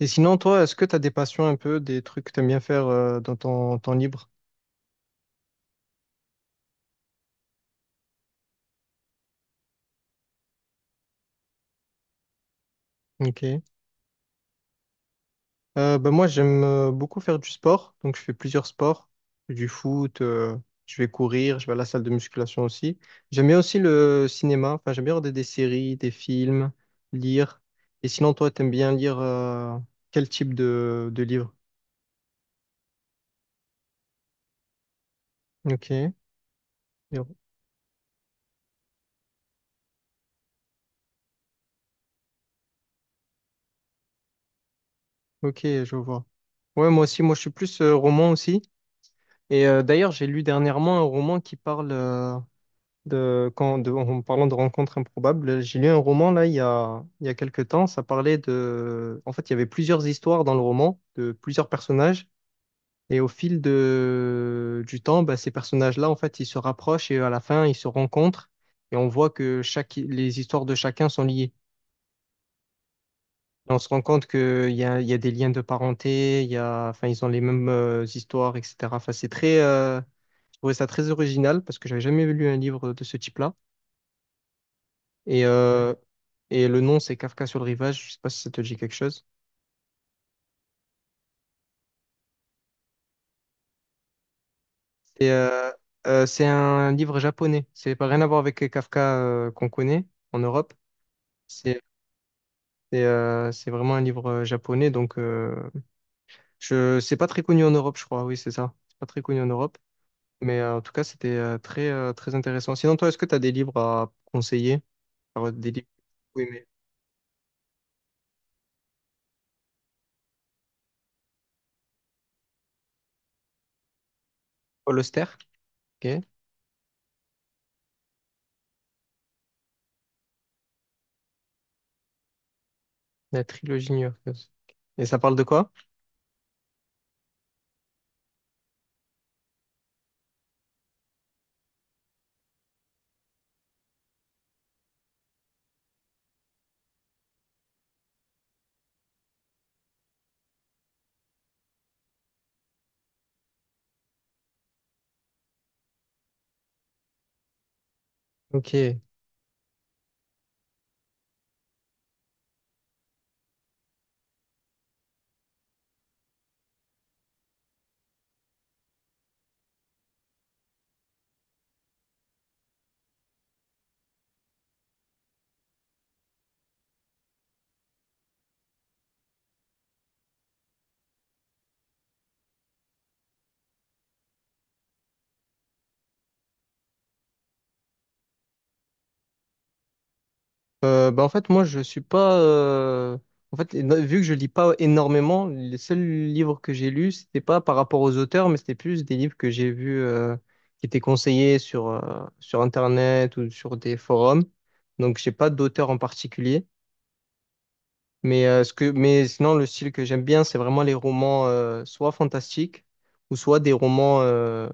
Et sinon, toi, est-ce que tu as des passions un peu, des trucs que tu aimes bien faire dans ton temps libre? Ok. Ben moi, j'aime beaucoup faire du sport. Donc, je fais plusieurs sports. Du foot, je vais courir, je vais à la salle de musculation aussi. J'aime bien aussi le cinéma. Enfin, j'aime bien regarder des séries, des films, lire. Et sinon, toi, tu aimes bien lire quel type de livre? Ok. Ok, je vois. Ouais, moi aussi, moi, je suis plus roman aussi. Et d'ailleurs, j'ai lu dernièrement un roman qui parle, en parlant de rencontres improbables, j'ai lu un roman là il y a quelques temps. Ça parlait de, en fait, il y avait plusieurs histoires dans le roman de plusieurs personnages, et au fil de du temps, bah, ces personnages-là, en fait, ils se rapprochent et à la fin, ils se rencontrent, et on voit que les histoires de chacun sont liées. Et on se rend compte il y a des liens de parenté, il y a, enfin, ils ont les mêmes histoires, etc. Enfin, je trouvais ça très original parce que j'avais jamais lu un livre de ce type-là. Et, Ouais. Et le nom, c'est Kafka sur le rivage. Je sais pas si ça te dit quelque chose. C'est euh, c'est un livre japonais. C'est pas rien à voir avec Kafka qu'on connaît en Europe. C'est c'est vraiment un livre japonais. Donc, je c'est pas très connu en Europe, je crois. Oui, c'est ça. C'est pas très connu en Europe. Mais en tout cas, c'était très intéressant. Sinon, toi, est-ce que tu as des livres à conseiller? Alors, des livres. Oui, mais Paul Auster. Ok. La trilogie new-yorkaise. Et ça parle de quoi? Ok. Bah en fait, moi, je suis pas. En fait, vu que je lis pas énormément, les seuls livres que j'ai lus, c'était pas par rapport aux auteurs, mais c'était plus des livres que j'ai vus qui étaient conseillés sur Internet ou sur des forums. Donc, j'ai pas d'auteur en particulier. Mais, ce que... mais sinon, le style que j'aime bien, c'est vraiment les romans soit fantastiques ou soit des romans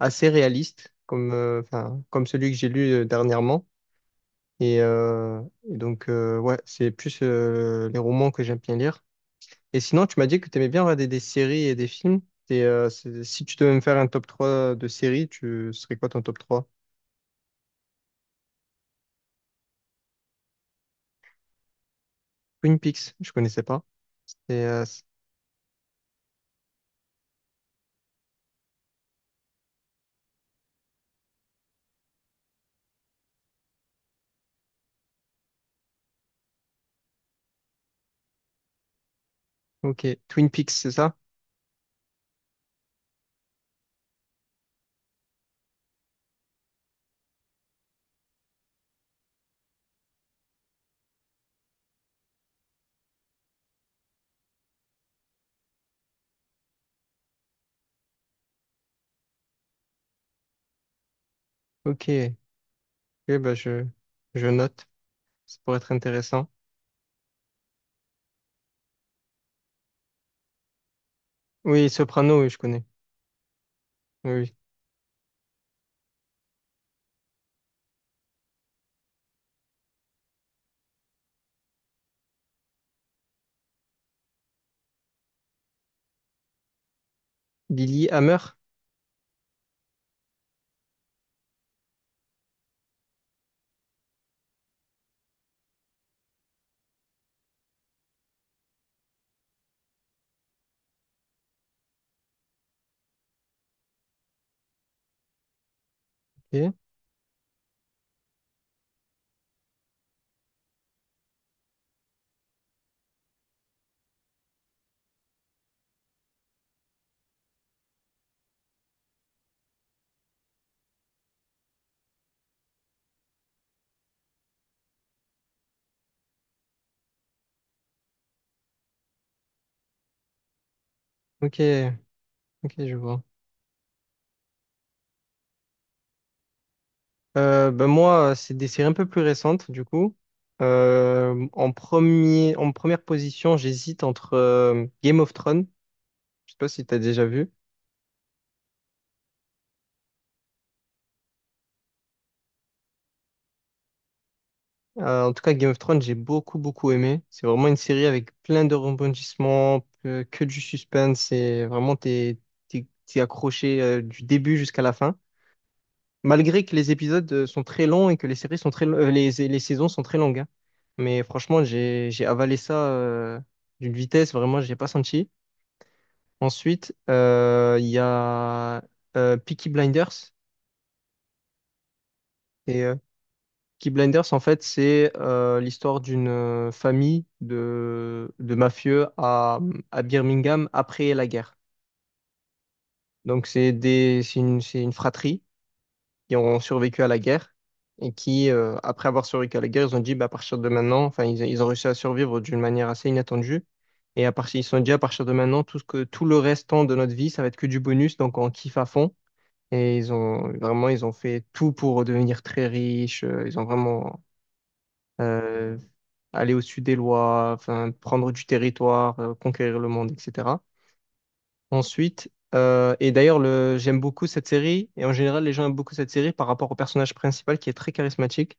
assez réalistes, enfin, comme celui que j'ai lu dernièrement. Et, euh, et donc, ouais, c'est plus les romans que j'aime bien lire. Et sinon, tu m'as dit que tu aimais bien regarder des séries et des films. Et, si tu devais me faire un top trois de séries, tu ce serait quoi ton top trois. Twin Peaks, je connaissais pas. Et, euh, c- ok, Twin Peaks, c'est ça? Ok, ok, bah je note. Ça pourrait être intéressant. Oui, Soprano, oui, je connais. Oui, oui. Billy Hammer. Ok, ok, ok, je vois. Ben moi, c'est des séries un peu plus récentes, du coup. En première position, j'hésite entre Game of Thrones. Je sais pas si tu as déjà vu. En tout cas, Game of Thrones, j'ai beaucoup aimé. C'est vraiment une série avec plein de rebondissements, que du suspense. C'est vraiment, t'es accroché du début jusqu'à la fin. Malgré que les épisodes sont très longs et que les séries sont les saisons sont très longues, hein. Mais franchement, j'ai avalé ça d'une vitesse, vraiment, j'ai pas senti. Ensuite, il y a Peaky Blinders. Et euh, Peaky Blinders, en fait, c'est l'histoire d'une famille de mafieux à Birmingham après la guerre. Donc, c'est une fratrie qui ont survécu à la guerre et qui, après avoir survécu à la guerre, ils ont dit, bah, à partir de maintenant, enfin, ils ont réussi à survivre d'une manière assez inattendue. Et à partir, ils se sont dit, à partir de maintenant, tout le restant de notre vie, ça va être que du bonus, donc on kiffe à fond. Et ils ont vraiment, ils ont fait tout pour devenir très riches. Ils ont vraiment euh, aller au sud des lois, enfin, prendre du territoire, conquérir le monde, etc. Ensuite, d'ailleurs, j'aime beaucoup cette série, et en général, les gens aiment beaucoup cette série par rapport au personnage principal qui est très charismatique.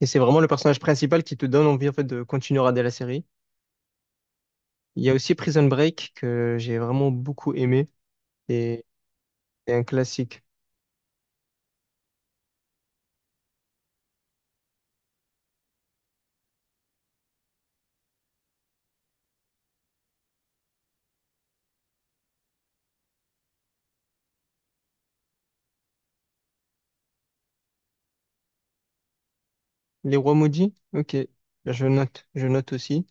Et c'est vraiment le personnage principal qui te donne envie en fait, de continuer à regarder la série. Il y a aussi Prison Break que j'ai vraiment beaucoup aimé, et c'est un classique. Les Rois Maudits? Ok, ben, je note aussi.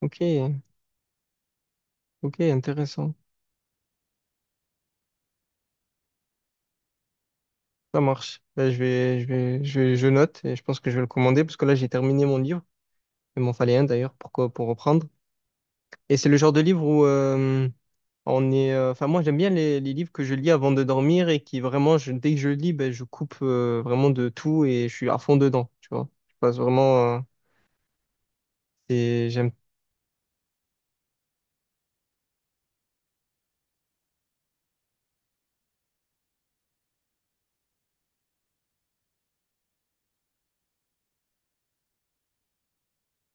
Ok, ok, intéressant. Ça marche. Là, je note, et je pense que je vais le commander, parce que là, j'ai terminé mon livre. Il m'en fallait un d'ailleurs pour reprendre. Et c'est le genre de livre où on est. Enfin, moi, j'aime bien les livres que je lis avant de dormir et qui vraiment, dès que je lis, ben, je coupe vraiment de tout et je suis à fond dedans. Tu vois, je passe vraiment. Et j'aime.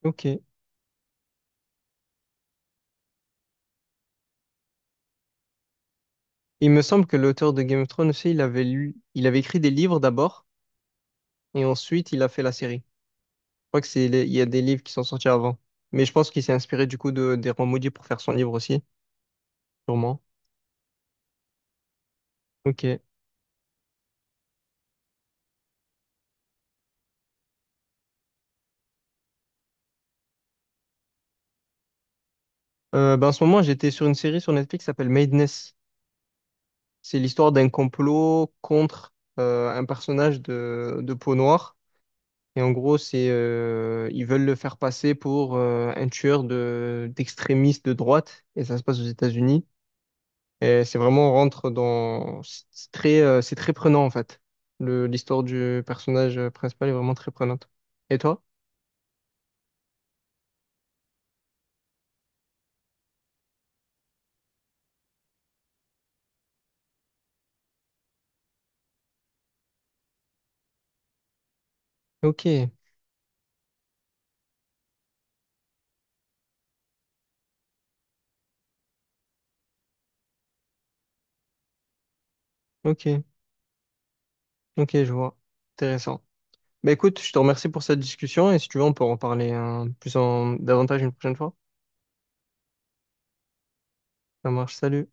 Ok. Il me semble que l'auteur de Game of Thrones aussi, il avait lu, il avait écrit des livres d'abord et ensuite il a fait la série. Je crois que c'est, il y a des livres qui sont sortis avant. Mais je pense qu'il s'est inspiré du coup des Rois Maudits pour faire son livre aussi, sûrement. Ok. En ce moment, j'étais sur une série sur Netflix qui s'appelle Madness. C'est l'histoire d'un complot contre un personnage de peau noire. Et en gros, c'est ils veulent le faire passer pour un tueur de d'extrémistes de droite. Et ça se passe aux États-Unis. Et c'est vraiment on rentre dans c'est très prenant en fait. Le L'histoire du personnage principal est vraiment très prenante. Et toi? Ok, ok, ok, je vois. Intéressant. Bah écoute, je te remercie pour cette discussion et si tu veux, on peut en parler hein, plus en davantage une prochaine fois. Ça marche, salut.